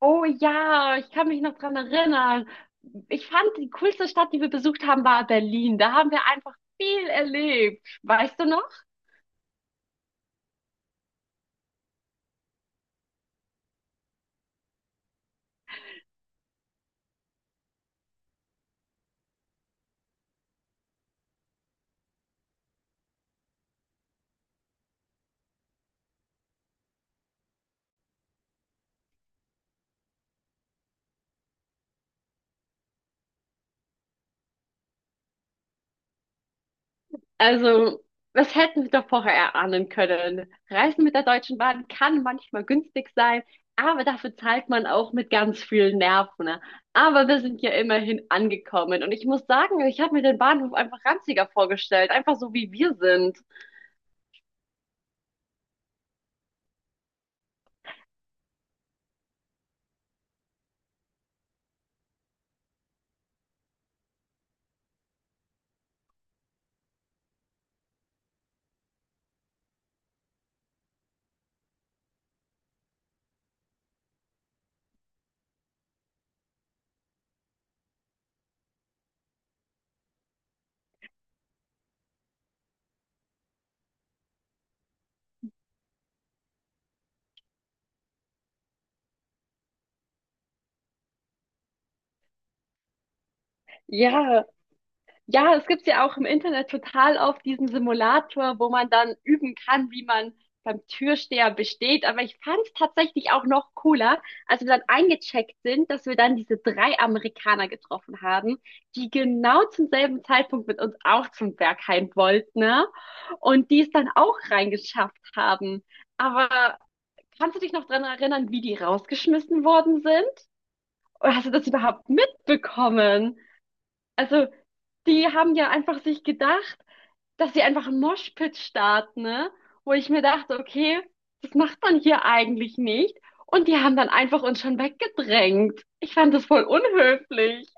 Oh ja, ich kann mich noch dran erinnern. Ich fand, die coolste Stadt, die wir besucht haben, war Berlin. Da haben wir einfach viel erlebt. Weißt du noch? Also, was hätten wir doch vorher erahnen können? Reisen mit der Deutschen Bahn kann manchmal günstig sein, aber dafür zahlt man auch mit ganz vielen Nerven. Ne? Aber wir sind ja immerhin angekommen. Und ich muss sagen, ich habe mir den Bahnhof einfach ranziger vorgestellt. Einfach so, wie wir sind. Ja. Ja, das gibt's ja auch im Internet total oft diesen Simulator, wo man dann üben kann, wie man beim Türsteher besteht. Aber ich fand's tatsächlich auch noch cooler, als wir dann eingecheckt sind, dass wir dann diese drei Amerikaner getroffen haben, die genau zum selben Zeitpunkt mit uns auch zum Berghain wollten, ne? Und die es dann auch reingeschafft haben. Aber kannst du dich noch dran erinnern, wie die rausgeschmissen worden sind? Oder hast du das überhaupt mitbekommen? Also, die haben ja einfach sich gedacht, dass sie einfach einen Moshpit starten, ne? Wo ich mir dachte, okay, das macht man hier eigentlich nicht. Und die haben dann einfach uns schon weggedrängt. Ich fand das voll unhöflich.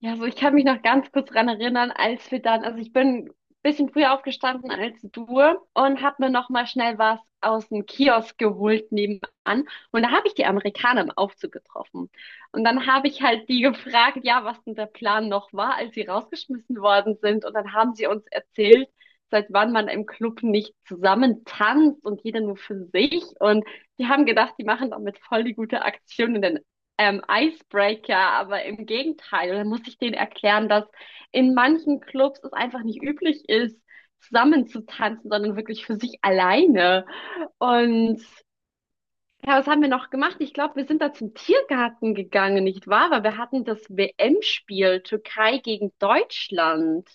Ja, also ich kann mich noch ganz kurz dran erinnern, als wir dann, also ich bin ein bisschen früher aufgestanden als du und habe mir noch mal schnell was aus dem Kiosk geholt nebenan. Und da habe ich die Amerikaner im Aufzug getroffen. Und dann habe ich halt die gefragt, ja, was denn der Plan noch war, als sie rausgeschmissen worden sind. Und dann haben sie uns erzählt, seit wann man im Club nicht zusammen tanzt und jeder nur für sich. Und die haben gedacht, die machen damit voll die gute Aktion. Und dann Icebreaker, aber im Gegenteil. Und dann muss ich denen erklären, dass in manchen Clubs es einfach nicht üblich ist, zusammen zu tanzen, sondern wirklich für sich alleine. Und ja, was haben wir noch gemacht? Ich glaube, wir sind da zum Tiergarten gegangen, nicht wahr? Weil wir hatten das WM-Spiel Türkei gegen Deutschland.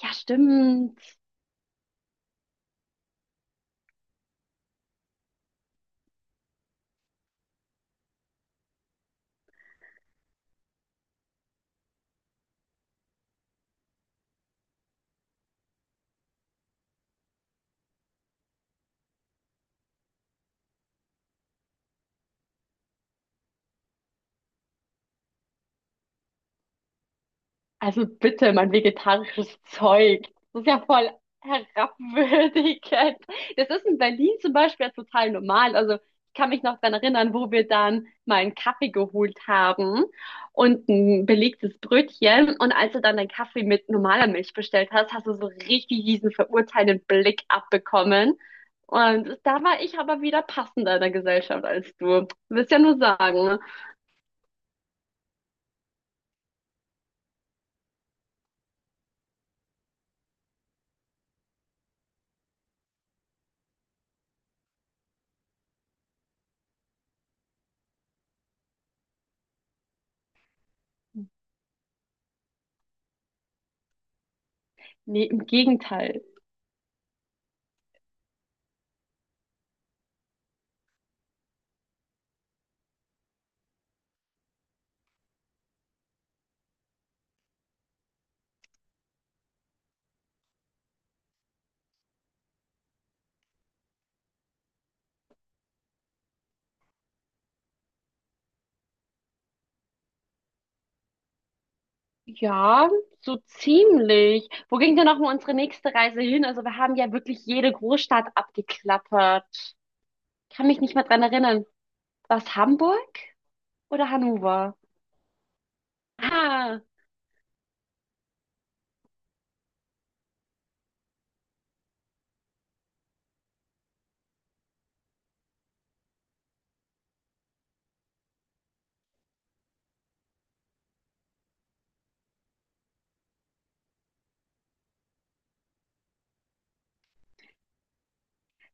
Ja, stimmt. Also bitte, mein vegetarisches Zeug. Das ist ja voll herabwürdigend. Das ist in Berlin zum Beispiel ja total normal. Also ich kann mich noch dran erinnern, wo wir dann mal einen Kaffee geholt haben und ein belegtes Brötchen. Und als du dann deinen Kaffee mit normaler Milch bestellt hast, hast du so richtig diesen verurteilenden Blick abbekommen. Und da war ich aber wieder passender in der Gesellschaft als du. Willst ja nur sagen, ne? Nee, im Gegenteil. Ja, so ziemlich. Wo ging denn nochmal unsere nächste Reise hin? Also wir haben ja wirklich jede Großstadt abgeklappert. Kann mich nicht mehr dran erinnern. War es Hamburg oder Hannover? Ah,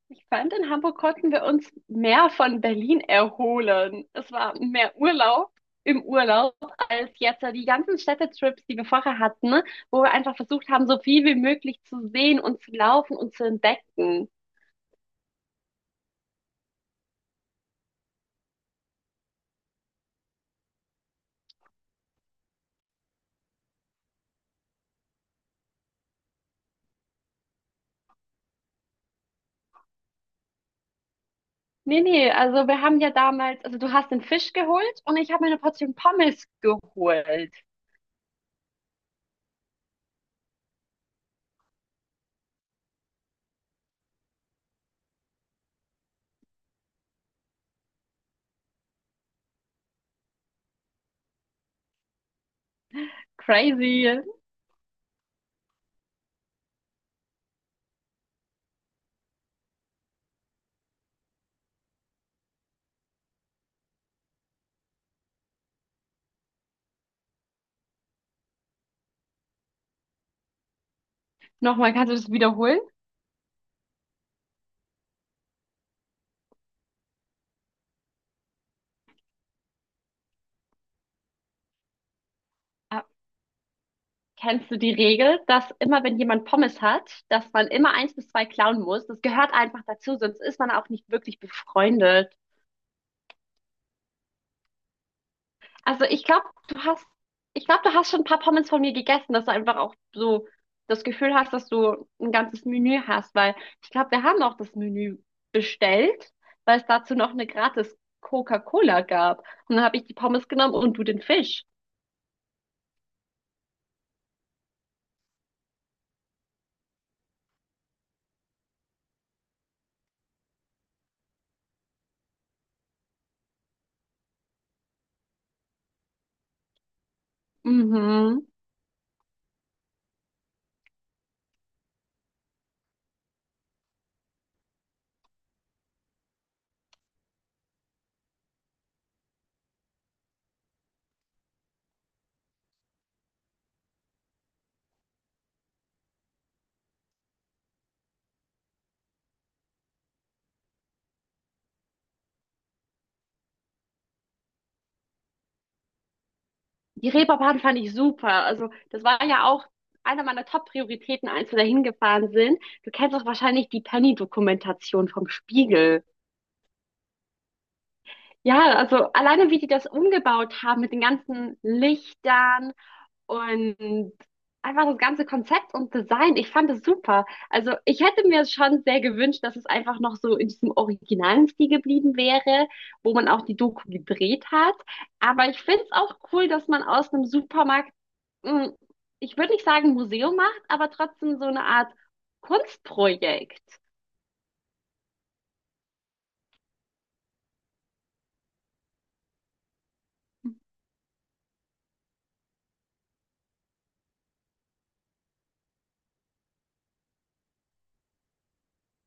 ich fand, in Hamburg konnten wir uns mehr von Berlin erholen. Es war mehr Urlaub im Urlaub als jetzt. Also die ganzen Städtetrips, die wir vorher hatten, wo wir einfach versucht haben, so viel wie möglich zu sehen und zu laufen und zu entdecken. Nee, nee, also wir haben ja damals, also du hast den Fisch geholt und ich habe mir eine Portion Pommes geholt. Crazy. Nochmal, kannst du das wiederholen? Äh, Kennst du die Regel, dass immer, wenn jemand Pommes hat, dass man immer eins bis zwei klauen muss? Das gehört einfach dazu, sonst ist man auch nicht wirklich befreundet. Also ich glaube, du hast, ich glaube, du hast schon ein paar Pommes von mir gegessen, dass du einfach auch so das Gefühl hast, dass du ein ganzes Menü hast, weil ich glaube, wir haben auch das Menü bestellt, weil es dazu noch eine gratis Coca-Cola gab. Und dann habe ich die Pommes genommen und du den Fisch. Mhm. Die Reeperbahn fand ich super. Also das war ja auch einer meiner Top-Prioritäten, als wir da hingefahren sind. Du kennst doch wahrscheinlich die Penny-Dokumentation vom Spiegel. Ja, also alleine wie die das umgebaut haben mit den ganzen Lichtern und einfach das ganze Konzept und Design, ich fand es super. Also ich hätte mir schon sehr gewünscht, dass es einfach noch so in diesem originalen Stil geblieben wäre, wo man auch die Doku gedreht hat. Aber ich finde es auch cool, dass man aus einem Supermarkt, mh, ich würde nicht sagen Museum macht, aber trotzdem so eine Art Kunstprojekt.